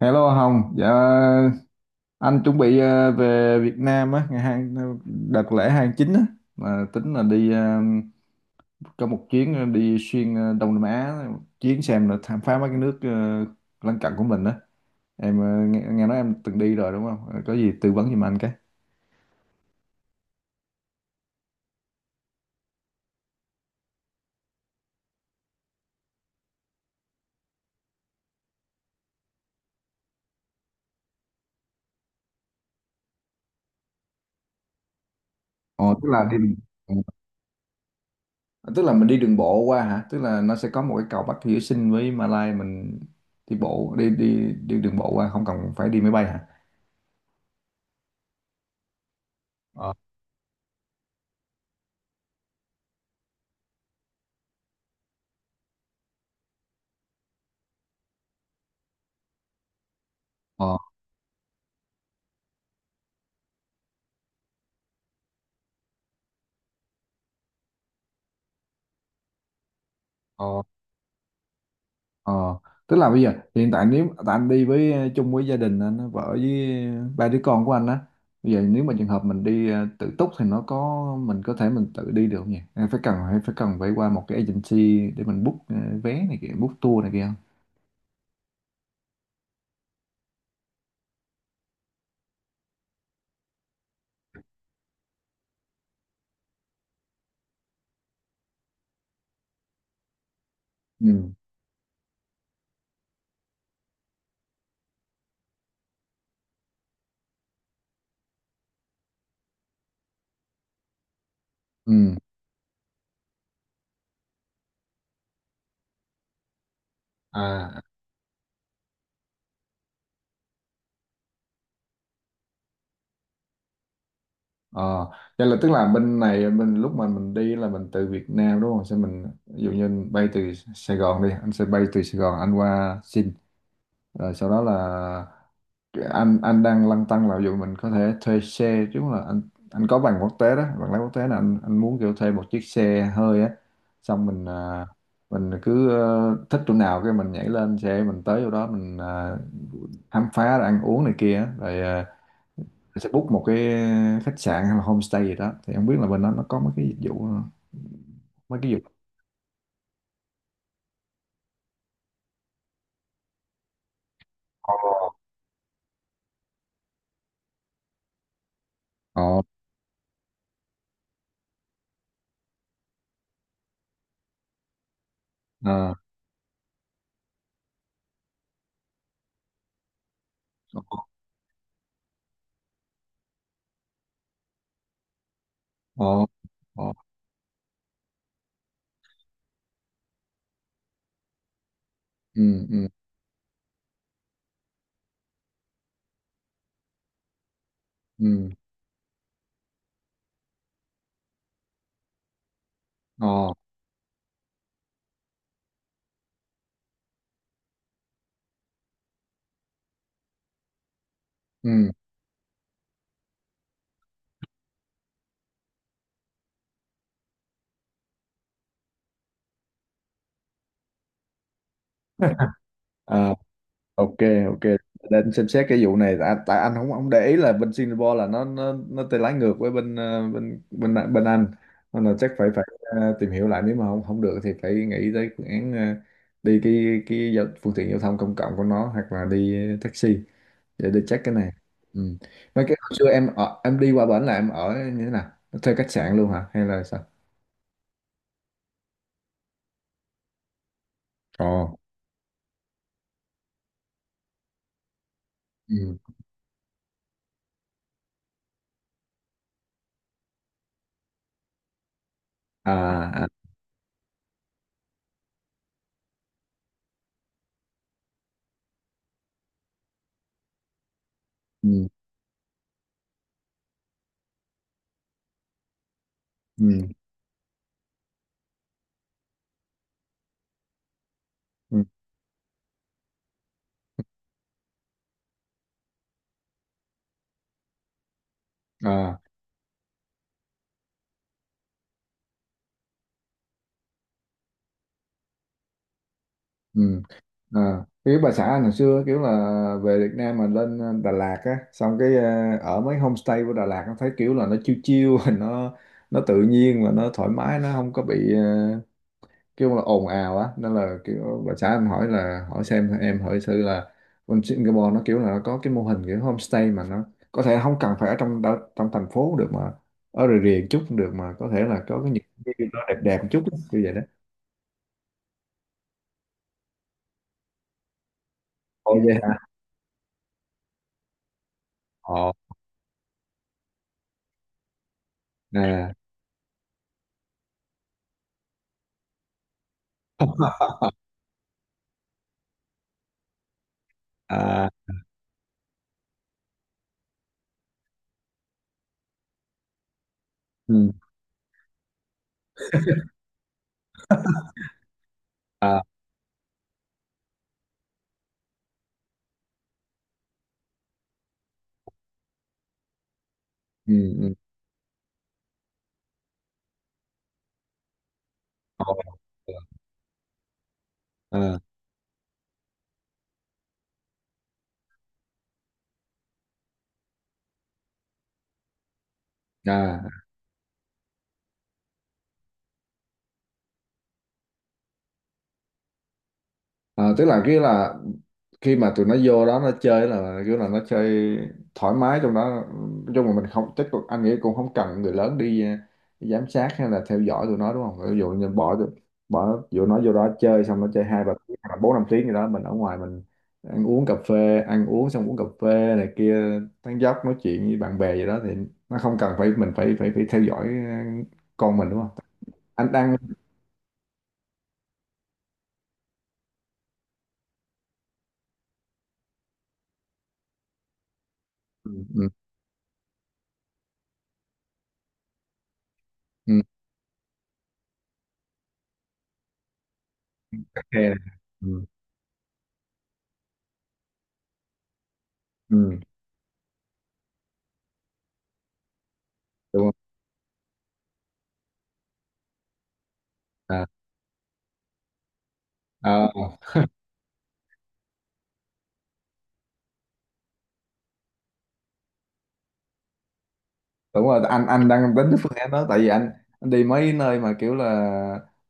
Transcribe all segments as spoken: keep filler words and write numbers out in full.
Hello Hồng, dạ, anh chuẩn bị ờ, về Việt Nam á, ngày hai đợt lễ hai chín á, mà tính là đi ờ, có một chuyến ờ, đi xuyên ờ, Đông Nam Á, chuyến xem là khám phá mấy cái nước ờ, lân cận của mình á. Em ờ, nghe, nghe nói em từng đi rồi đúng không? Ờ, Có gì tư vấn giùm anh cái. Ồ, tức là đi đường- ừ. Tức là mình đi đường bộ qua hả? Tức là nó sẽ có một cái cầu Bắc Hữu Sinh với Malai, mình đi bộ đi đi đi đường bộ qua, không cần phải đi máy bay hả? Ờ. Ờ. Ờ, tức là bây giờ hiện tại nếu tại anh đi với ờ, chung với gia đình anh, vợ với ba đứa con của anh á, bây giờ nếu mà trường hợp mình đi ờ, tự túc thì nó có mình có thể mình tự đi được không nhỉ, hay phải cần, hay phải cần phải qua một cái agency để mình book ờ, vé này kia, book tour này kia không? Ừ. Ừ. À. Ờ. Vậy là tức là bên này mình lúc mà mình đi là mình từ Việt Nam đúng không, sẽ mình ví dụ như bay từ Sài Gòn đi, anh sẽ bay từ Sài Gòn anh qua Sing, rồi sau đó là anh anh đang lăn tăn là dù mình có thể thuê xe chứ, là anh anh có bằng quốc tế đó, bằng lái quốc tế, là anh anh muốn kiểu thuê một chiếc xe hơi á, xong mình à, mình cứ ờ, thích chỗ nào cái mình nhảy lên xe mình tới chỗ đó, mình à, khám phá rồi ăn uống này kia á. Rồi à, mình sẽ book một cái khách sạn hay là homestay gì đó, thì không biết là bên đó nó có mấy cái dịch vụ mấy cái dịch vụ Ồ. Ờ. Ồ. Ồ. Ồ. Ừ. Ừ. Ừ. Ồ. Ừ. À. OK. OK. Để anh xem xét cái vụ này, tại, tại anh không không để ý là bên Singapore là nó nó nó tay lái ngược với bên ờ, bên bên bên Anh, nên là chắc phải phải ờ, tìm hiểu lại, nếu mà không không được thì phải nghĩ tới phương án ờ, đi cái cái giao, phương tiện giao thông công cộng của nó, hoặc là đi taxi, để đi check cái này. Ừ. Mấy cái hồi xưa em ở, em đi qua bển là em ở như thế nào, thuê khách sạn luôn hả hay là sao? Ồ. Ừ. À. À. Ừ. Ừ. Ừ. À. Ừ. À, kiểu bà xã anh hồi xưa kiểu là về Việt Nam mà lên ờ, Đà Lạt á, xong cái ờ, ở mấy homestay của Đà Lạt nó thấy kiểu là nó chill chill nó nó tự nhiên và nó thoải mái, nó không có bị ờ, kiểu là ồn ào á, nên là kiểu bà xã em hỏi là, hỏi xem em hỏi thử là bên Singapore nó kiểu là nó có cái mô hình kiểu homestay mà nó có thể không cần phải ở trong đa- trong thành phố được, mà ở rìa rìa chút cũng được, mà có thể là có cái những cái nó đẹp đẹp một chút á, kiểu vậy đó. Ồ vậy hả? Ồ. Nè. À. Ừ. À. Ừ. Ừ. Ờ. Ờ. À. À. Ờ, tức là cái là khi mà tụi nó vô đó nó chơi là kiểu là nó chơi thoải mái trong đó, trong mà mình không chắc cũng- anh nghĩ cũng không cần người lớn đi, ờ, giám sát hay là theo dõi tụi nó đúng không, ví dụ như bỏ tụi- bỏ dụ nó vô đó chơi xong nó chơi hai ba tiếng hoặc là bốn năm tiếng gì đó, mình ở ngoài mình ăn uống cà phê, ăn uống xong uống cà phê này kia, tán dóc nói chuyện với bạn bè gì đó, thì nó không cần phải mình phải phải phải theo dõi ờ, con mình đúng không? Anh đang- Ừ. Ừ. Ừ. OK này. Ừ. Ừ. Đúng rồi. À. À. Đúng rồi. Anh anh đang tính cái phương án đó tại vì anh anh đi mấy nơi mà kiểu là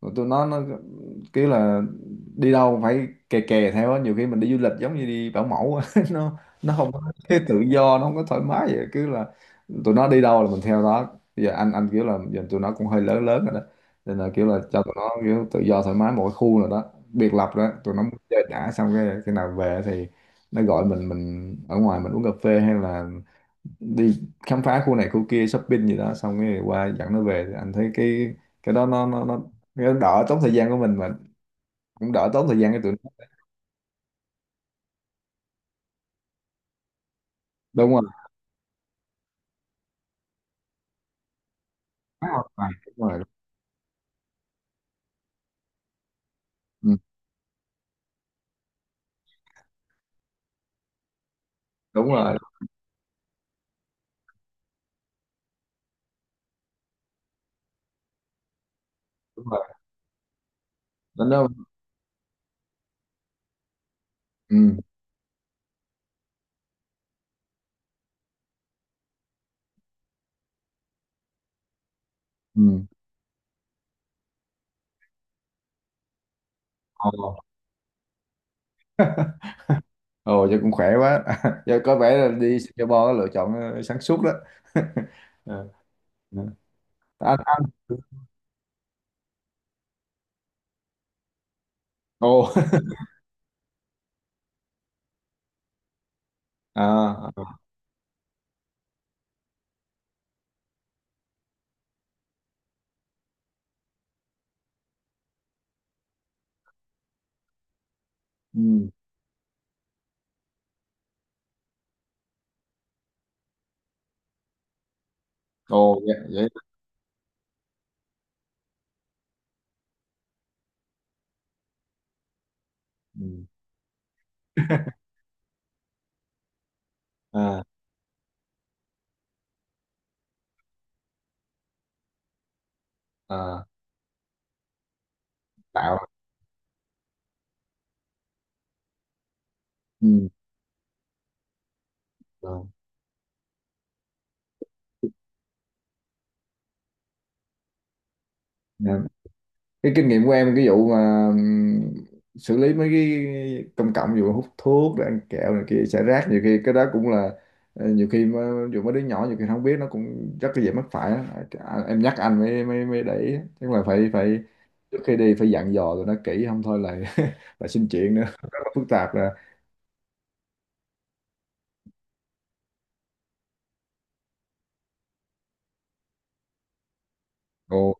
tụi nó nó kiểu là đi đâu cũng phải kè kè theo á, nhiều khi mình đi du lịch giống như đi bảo mẫu á. nó nó không có cái tự do, nó không có thoải mái, vậy cứ là tụi nó đi đâu là mình theo đó. Bây giờ anh anh kiểu là giờ tụi nó cũng hơi lớn lớn rồi đó, nên là kiểu là cho tụi nó kiểu tự do thoải mái một cái khu nào đó biệt lập rồi đó, tụi nó muốn chơi đã, xong cái khi nào về thì nó gọi mình mình ở ngoài mình uống cà phê hay là đi khám phá khu này khu kia shopping gì đó, xong cái qua dẫn nó về, thì anh thấy cái cái đó nó nó nó cái đó đỡ tốn thời gian của mình mà cũng đỡ tốn thời gian cho tụi nó. Đúng rồi. Đúng rồi. Đúng rồi. Ừ. Đúng rồi. Đúng rồi. Nó nó Ừ. Ừ. Ồ. Ồ vậy cũng khỏe quá. Giờ có vẻ là đi Singapore lựa chọn ờ, sáng suốt đó. Ờ. Ờ. anh anh Ồ. À. À. Ừ. Ồ vậy, vậy. Ừ. À. À. Tạo. Ừ. Ờ. Ừ. Cái kinh nghiệm của em cái vụ mà ừm, xử lý mấy cái công cộng vụ hút thuốc rồi ăn kẹo này kia xả rác, nhiều khi cái đó cũng là ờ, nhiều khi mà, dù mấy đứa nhỏ nhiều khi nó không biết nó cũng rất là dễ mắc phải á. À, em nhắc anh mới mới mới để ý á. Chứ mà phải phải trước khi đi phải dặn dò tụi nó kỹ, không thôi là là xin chuyện nữa, rất là phức tạp. Rồi,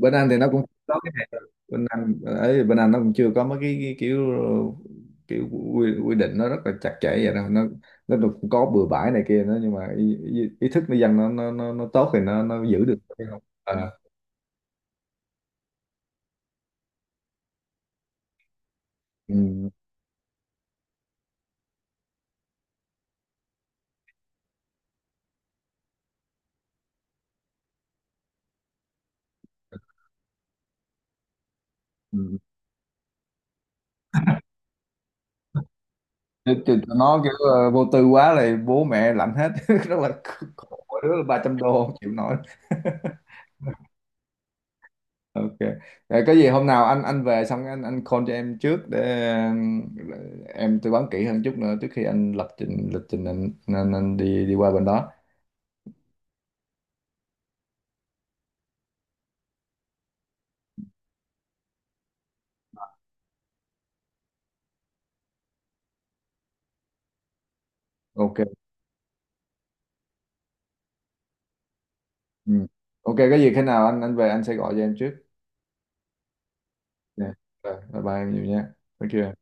bên Anh thì nó cũng có cái này rồi. Bên Anh ấy, bên Anh nó cũng chưa có mấy cái, cái kiểu kiểu quy, quy định nó rất là chặt chẽ vậy đâu, nó nó cũng có bừa bãi này kia nữa, nhưng mà ý, ý, ý thức người dân nó nó nó, nó tốt thì nó nó giữ được cái không à. Ừ. Ừ. Chứ- chứ tụi nó kiểu ờ, vô tư quá là bố mẹ lạnh hết rất là khổ, mỗi đứa là ba trăm đô không chịu nổi. OK. Rồi, có gì hôm nào anh anh về xong anh anh call cho em trước để em em tư vấn kỹ hơn chút nữa trước khi anh lập trình lịch trình, anh, anh, anh đi đi qua bên đó. OK. Ừ. OK, có gì khi nào anh anh về anh sẽ gọi cho em trước. Yeah. Rồi, bye bye em nhiều nha, thank you em.